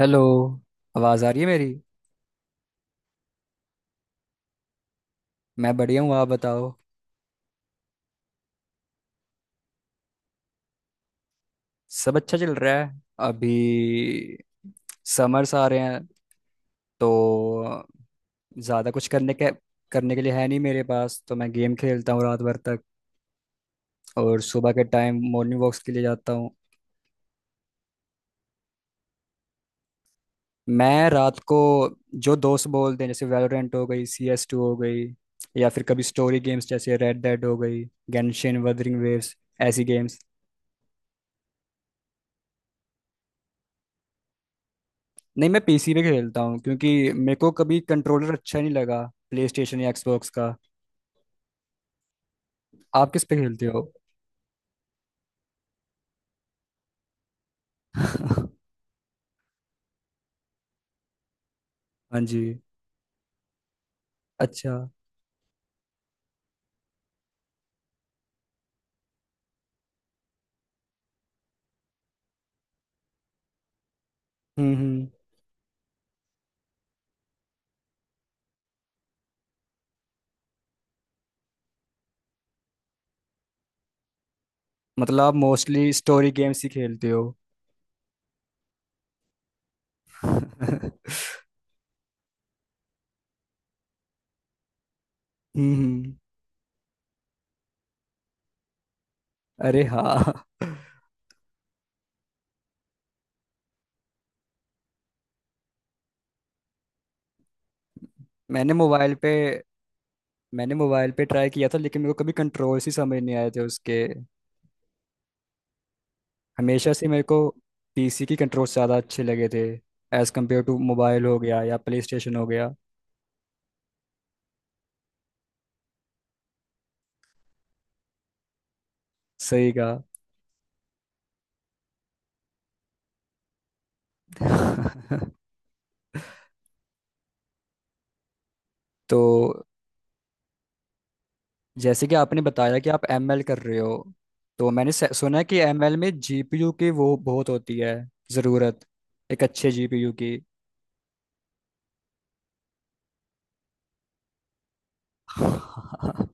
Hello. आवाज़ आ रही है मेरी? मैं बढ़िया हूँ, आप बताओ। सब अच्छा चल रहा है। अभी समर्स आ रहे हैं तो ज़्यादा कुछ करने के लिए है नहीं मेरे पास, तो मैं गेम खेलता हूँ रात भर तक। और सुबह के टाइम मॉर्निंग वॉक्स के लिए जाता हूँ। मैं रात को जो दोस्त बोलते हैं, जैसे वैलोरेंट हो गई, CS2 हो गई, या फिर कभी स्टोरी गेम्स जैसे रेड डेड हो गई, गेंशिन, वदरिंग वेव्स, ऐसी गेम्स। नहीं, मैं पीसी पे खेलता हूँ क्योंकि मेरे को कभी कंट्रोलर अच्छा नहीं लगा प्ले स्टेशन या एक्सबॉक्स का। आप किस पे खेलते हो? हाँ जी। अच्छा। हम्म, हम्म। मतलब आप मोस्टली स्टोरी गेम्स ही खेलते हो? हम्म, हम्म। अरे हाँ। मैंने मोबाइल पे मैंने मोबाइल पे ट्राई किया था लेकिन मेरे को कभी कंट्रोल्स ही समझ नहीं आए थे उसके। हमेशा से मेरे को पीसी की कंट्रोल्स ज़्यादा अच्छे लगे थे, एज कम्पेयर टू मोबाइल हो गया या प्ले स्टेशन हो गया। सही कहा। तो जैसे कि आपने बताया कि आप एमएल कर रहे हो, तो मैंने सुना है कि एमएल में जीपीयू की वो बहुत होती है, ज़रूरत, एक अच्छे जीपीयू की।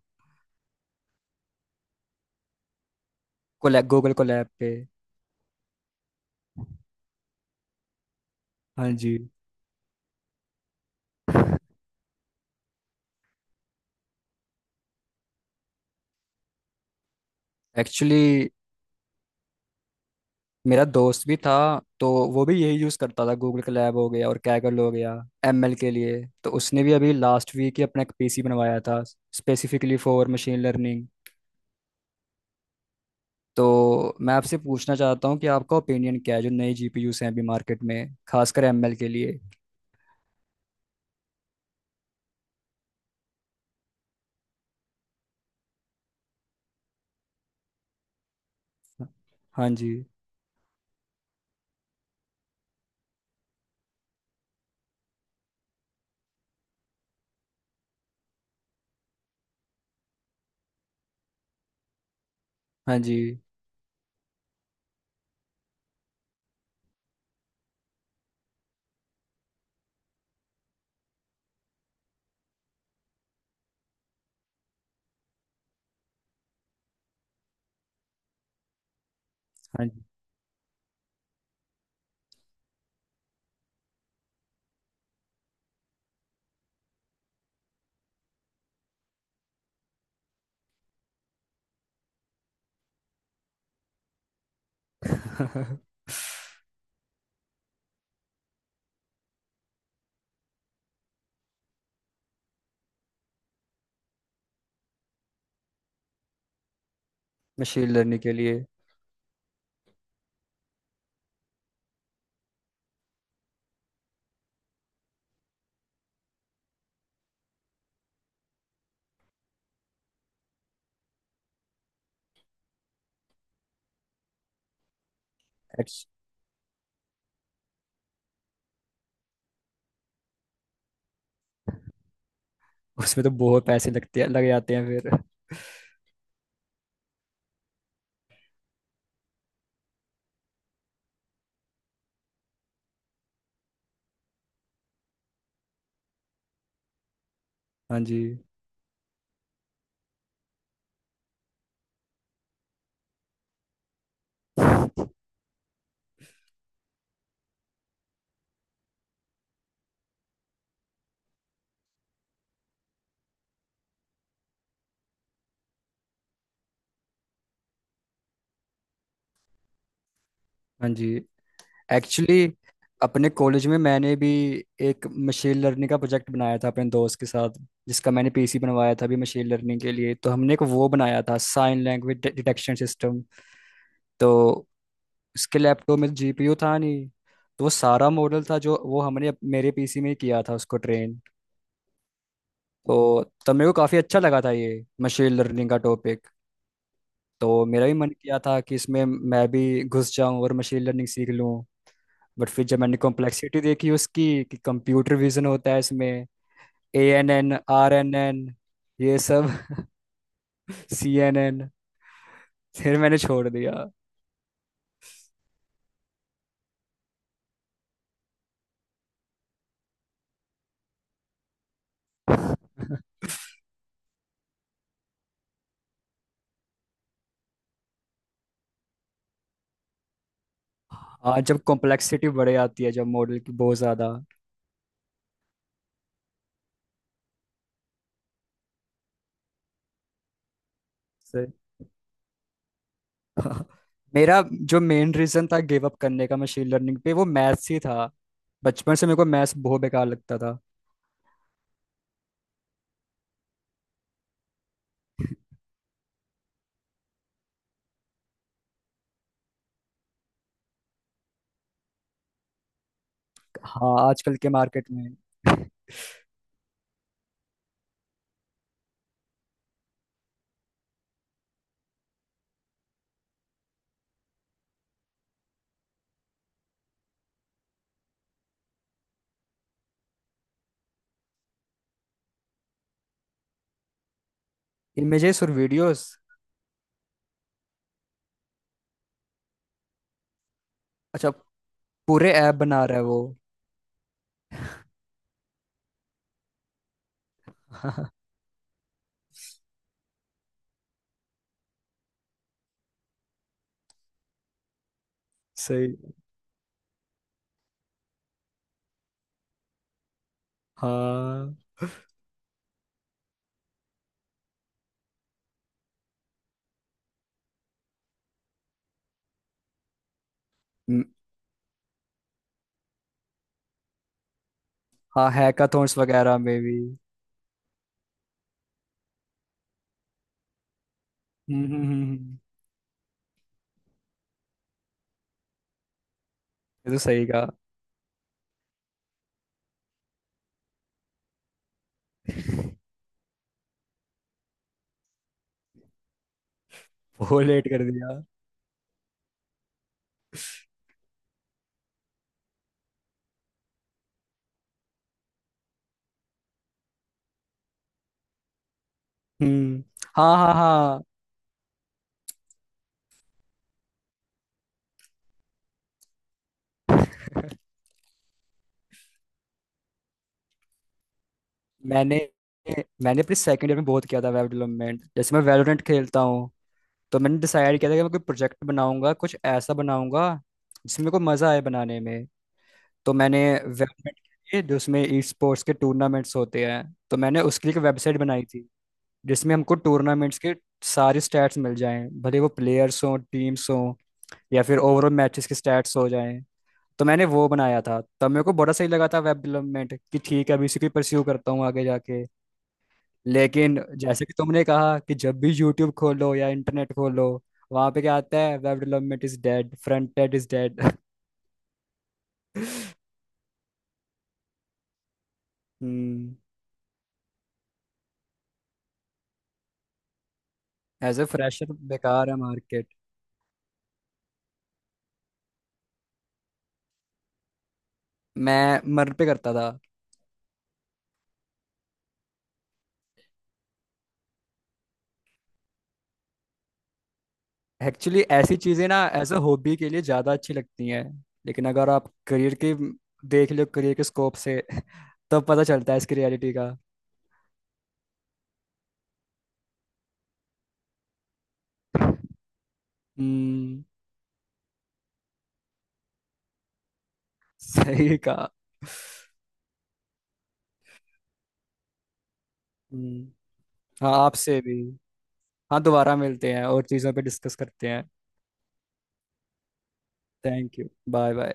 कोलैब, गूगल कोलैब पे। हाँ जी। एक्चुअली मेरा दोस्त भी था, तो वो भी यही यूज़ करता था, गूगल कोलैब हो गया और कैगल हो गया, एमएल के लिए। तो उसने भी अभी लास्ट वीक ही अपना एक पीसी बनवाया था स्पेसिफिकली फॉर मशीन लर्निंग। तो मैं आपसे पूछना चाहता हूँ कि आपका ओपिनियन क्या है जो नए जीपीयूस हैं अभी मार्केट में, खासकर एमएल के लिए। हाँ जी। हाँ जी। हाँ जी। मशीन लर्निंग के लिए। एक्स। उसमें तो बहुत पैसे लगते हैं, लग जाते हैं फिर। हाँ जी। हाँ जी। एक्चुअली अपने कॉलेज में मैंने भी एक मशीन लर्निंग का प्रोजेक्ट बनाया था अपने दोस्त के साथ, जिसका मैंने पीसी बनवाया था अभी मशीन लर्निंग के लिए। तो हमने एक वो बनाया था, साइन लैंग्वेज डिटेक्शन सिस्टम। तो इसके लैपटॉप में जीपीयू था नहीं, तो वो सारा मॉडल था जो वो हमने मेरे पीसी में ही किया था उसको ट्रेन। तो तब मेरे को काफ़ी अच्छा लगा था ये मशीन लर्निंग का टॉपिक। तो मेरा भी मन किया था कि इसमें मैं भी घुस जाऊं और मशीन लर्निंग सीख लूं। बट फिर जब मैंने कॉम्प्लेक्सिटी देखी उसकी, कि कंप्यूटर विजन होता है इसमें, ANN, RNN, ये सब। CNN। फिर मैंने छोड़ दिया। हाँ, जब कॉम्प्लेक्सिटी बढ़ जाती है, जब मॉडल की बहुत ज़्यादा। हाँ, मेरा जो मेन रीजन था गिव अप करने का मशीन लर्निंग पे, वो मैथ्स ही था। बचपन से मेरे को मैथ्स बहुत बेकार लगता था। हाँ, आजकल के मार्केट में। इमेजेस और वीडियोस। अच्छा। पूरे ऐप बना रहा है वो? सही। हाँ। हम्म, हाँ। हैकाथॉन्स वगैरह में भी। हम्म, हम्म। ये तो सही कहा। बहुत लेट कर दिया। हम्म। हाँ हाँ हाँ। मैंने मैंने अपने सेकंड ईयर में बहुत किया था वेब डेवलपमेंट। जैसे मैं वैलोरेंट खेलता हूँ, तो मैंने डिसाइड किया था कि मैं कोई प्रोजेक्ट बनाऊंगा, कुछ ऐसा बनाऊंगा जिसमें मेरे को मजा आए बनाने में। तो मैंने वेबसाइट के लिए, जो उसमें ई स्पोर्ट्स के टूर्नामेंट्स होते हैं, तो मैंने उसके लिए एक वेबसाइट बनाई थी, जिसमें हमको टूर्नामेंट्स के सारे स्टैट्स मिल जाएं, भले वो प्लेयर्स हों, टीम्स हों, या फिर ओवरऑल मैचेस के स्टैट्स हो जाएं। तो मैंने वो बनाया था, तब मेरे को बड़ा सही लगा था वेब डेवलपमेंट कि ठीक है, अभी इसी को परस्यू करता हूँ आगे जाके। लेकिन जैसे कि तुमने कहा कि जब भी यूट्यूब खोलो या इंटरनेट खोलो, वहां पे क्या आता है, web development is dead, front end is dead. Hmm. As a fresher बेकार है मार्केट। मैं मर पे करता था। एक्चुअली ऐसी चीजें ना एज अ हॉबी के लिए ज्यादा अच्छी लगती हैं। लेकिन अगर आप करियर की, देख लो करियर के स्कोप से, तब पता चलता है इसकी रियलिटी का। हम्म। सही कहा। हम्म। हाँ आपसे भी। हाँ दोबारा मिलते हैं और चीज़ों पे डिस्कस करते हैं। Thank you. Bye bye.